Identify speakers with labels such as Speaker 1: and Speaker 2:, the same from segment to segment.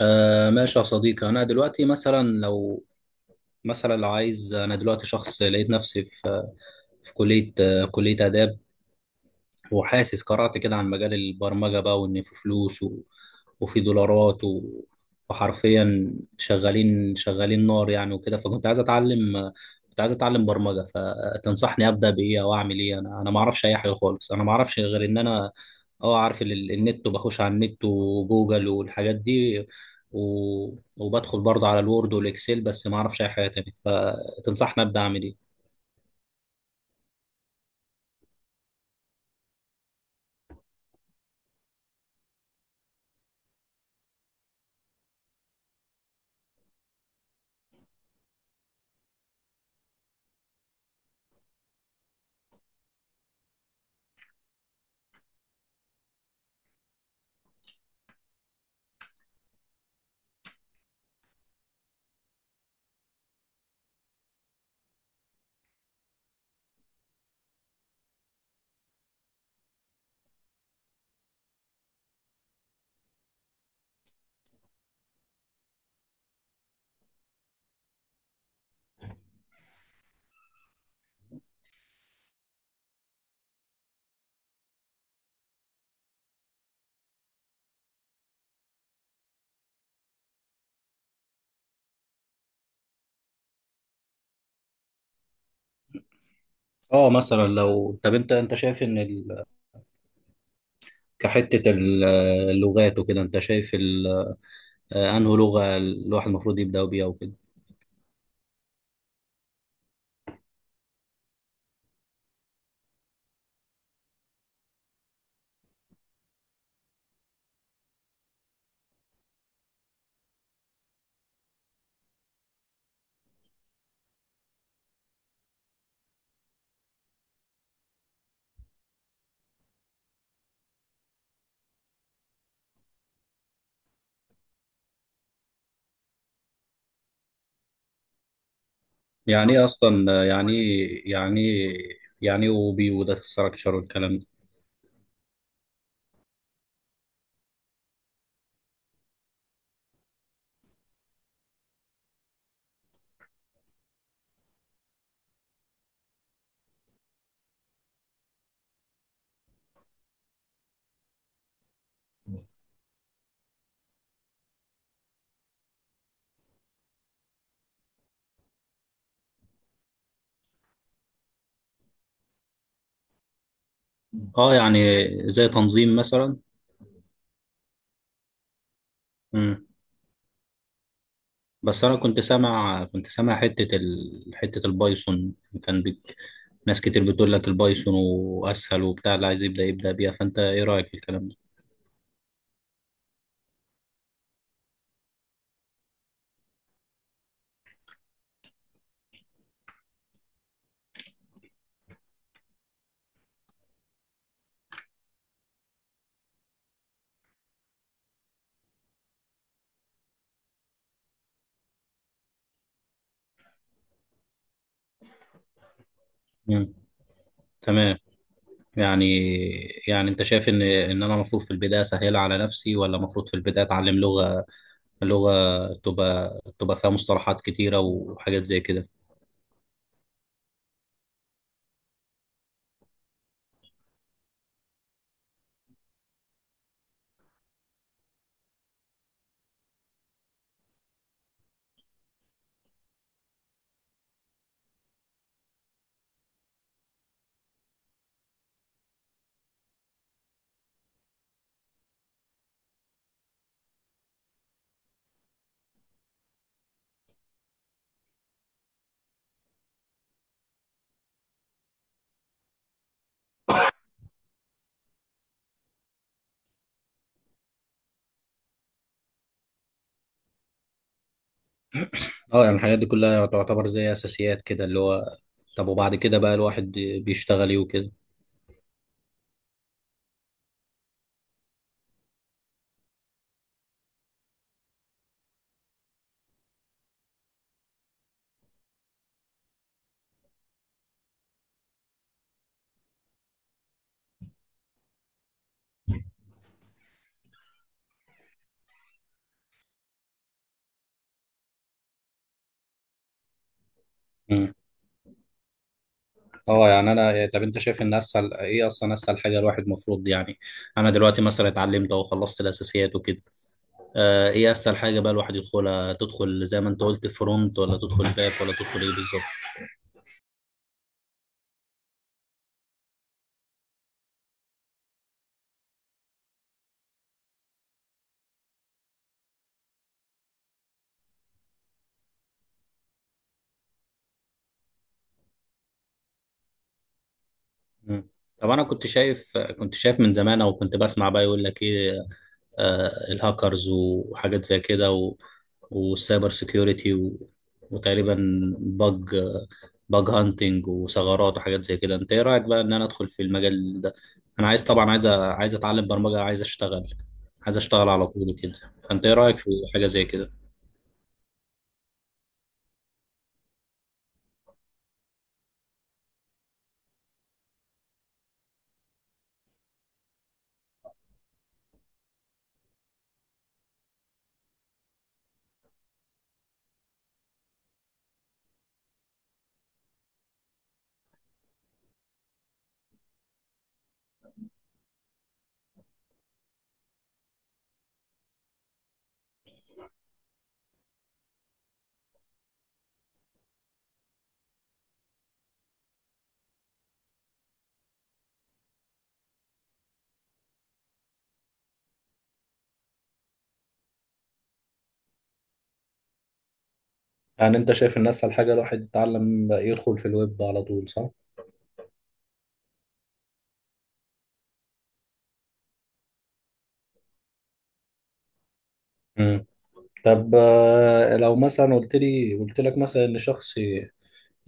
Speaker 1: آه، ماشي يا صديقي. أنا دلوقتي مثلا لو عايز، أنا دلوقتي شخص لقيت نفسي في كلية آداب، وحاسس قرأت كده عن مجال البرمجة بقى، وإن في فلوس وفي دولارات وحرفيا شغالين شغالين نار يعني وكده. فكنت عايز أتعلم برمجة. فتنصحني أبدأ بإيه أو أعمل إيه؟ أنا ما أعرفش أي حاجة خالص. أنا ما أعرفش غير إن أنا عارف النت، وبخش على النت وجوجل والحاجات دي، و... وبدخل برضه على الوورد والإكسل، بس ما أعرفش أي حاجة تانية. فتنصحني أبدأ أعمل إيه؟ مثلا لو طب أنت شايف إن كحتة ال- اللغات وكده، انت شايف انه لغة الواحد المفروض يبدأ بيها وكده؟ يعني ايه اصلا، يعني ايه اوبي وداتا ستراكشر والكلام ده؟ اه، يعني زي تنظيم مثلا. مم. بس انا كنت سامع حتة البايثون، كان بيك... ناس كتير بتقول لك البايثون واسهل وبتاع، اللي عايز يبدأ بيها، فانت ايه رأيك في الكلام ده؟ مم. تمام. يعني يعني انت شايف ان انا المفروض في البدايه اسهلها على نفسي، ولا المفروض في البدايه اتعلم لغه تبقى فيها مصطلحات كتيره وحاجات زي كده؟ اه، يعني الحاجات دي كلها تعتبر زي اساسيات كده اللي هو. طب وبعد كده بقى الواحد بيشتغل ايه وكده؟ مم. اه، يعني انا، طب انت شايف ان اسهل ايه اصلا، اسهل حاجه الواحد المفروض يعني، انا دلوقتي مثلا اتعلمت او خلصت الاساسيات وكده، آه، ايه اسهل حاجه بقى الواحد يدخلها؟ تدخل زي ما انت قلت فرونت، ولا تدخل باك، ولا تدخل ايه بالظبط؟ مم. طب انا كنت شايف من زمان، او كنت بسمع بقى يقول لك ايه، آه الهاكرز وحاجات زي كده، والسايبر سيكيورتي، وتقريبا باج باج هانتنج وثغرات وحاجات زي كده. انت ايه رايك بقى ان انا ادخل في المجال ده؟ انا طبعا عايز اتعلم برمجه، عايز اشتغل على طول كده. فانت ايه رايك في حاجه زي كده؟ يعني انت شايف ان اسهل حاجه الواحد يتعلم يدخل في الويب على طول، صح؟ طب لو مثلا قلت لك مثلا ان شخصي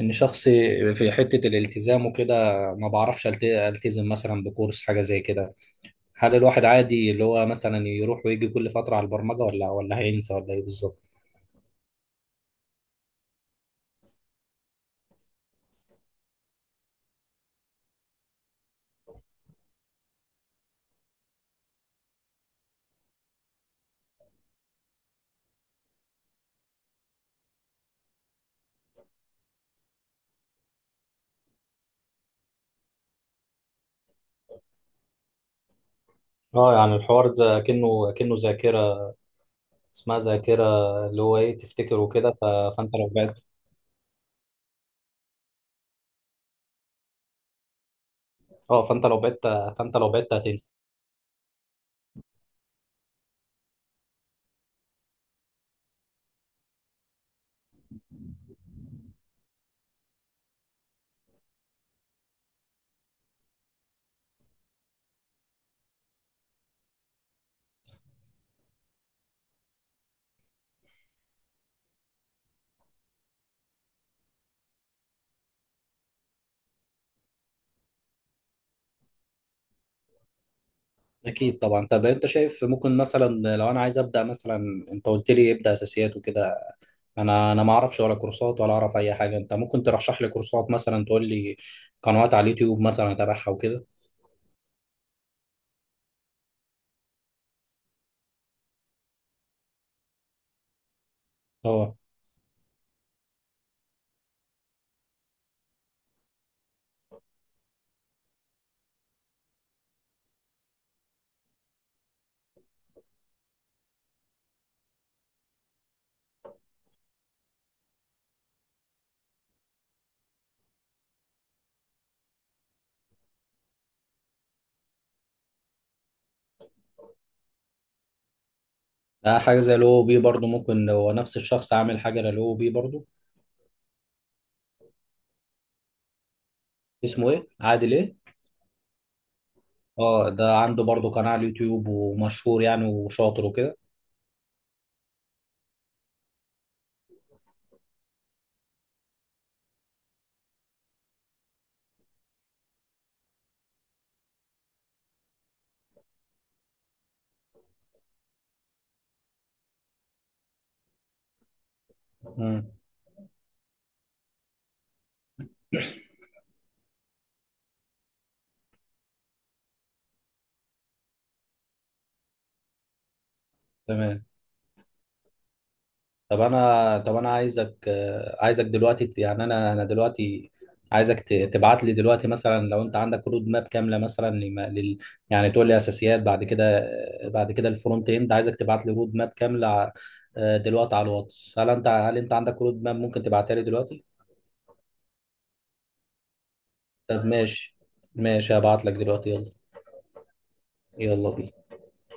Speaker 1: ان شخصي في حتة الالتزام وكده، ما بعرفش التزم مثلا بكورس حاجة زي كده، هل الواحد عادي اللي هو مثلا يروح ويجي كل فترة على البرمجة، ولا هينسى، ولا ايه بالظبط؟ اه، يعني الحوار ده كأنه ذاكرة، اسمها ذاكرة اللي هو ايه تفتكر وكده. فانت لو بعدت. اه، فانت لو بعدت هتنسى. اكيد طبعا. طب انت شايف ممكن مثلا لو انا عايز ابدا مثلا، انت قلت لي ابدا اساسيات وكده، انا ما اعرفش ولا كورسات ولا اعرف اي حاجه. انت ممكن ترشح لي كورسات مثلا، تقول لي قنوات على اليوتيوب مثلا اتابعها وكده؟ اه. حاجه زي الاو بي برضو، ممكن لو نفس الشخص عامل حاجه للاو بي برضو؟ اسمه ايه؟ عادل ايه؟ اه، ده عنده برضو قناه على اليوتيوب ومشهور يعني وشاطر وكده؟ مم. تمام. طب انا عايزك دلوقتي، يعني انا دلوقتي عايزك تبعت لي دلوقتي، مثلا لو انت عندك رود ماب كامله مثلا لم- لل يعني تقول لي اساسيات، بعد كده بعد كده الفرونت اند، عايزك تبعت لي رود ماب كامله، دلوقتي على الواتس. هل انت عندك رود ماب ممكن تبعتها لي دلوقتي؟ طب ماشي، ماشي، هبعت لك دلوقتي، يلا. يلا بينا.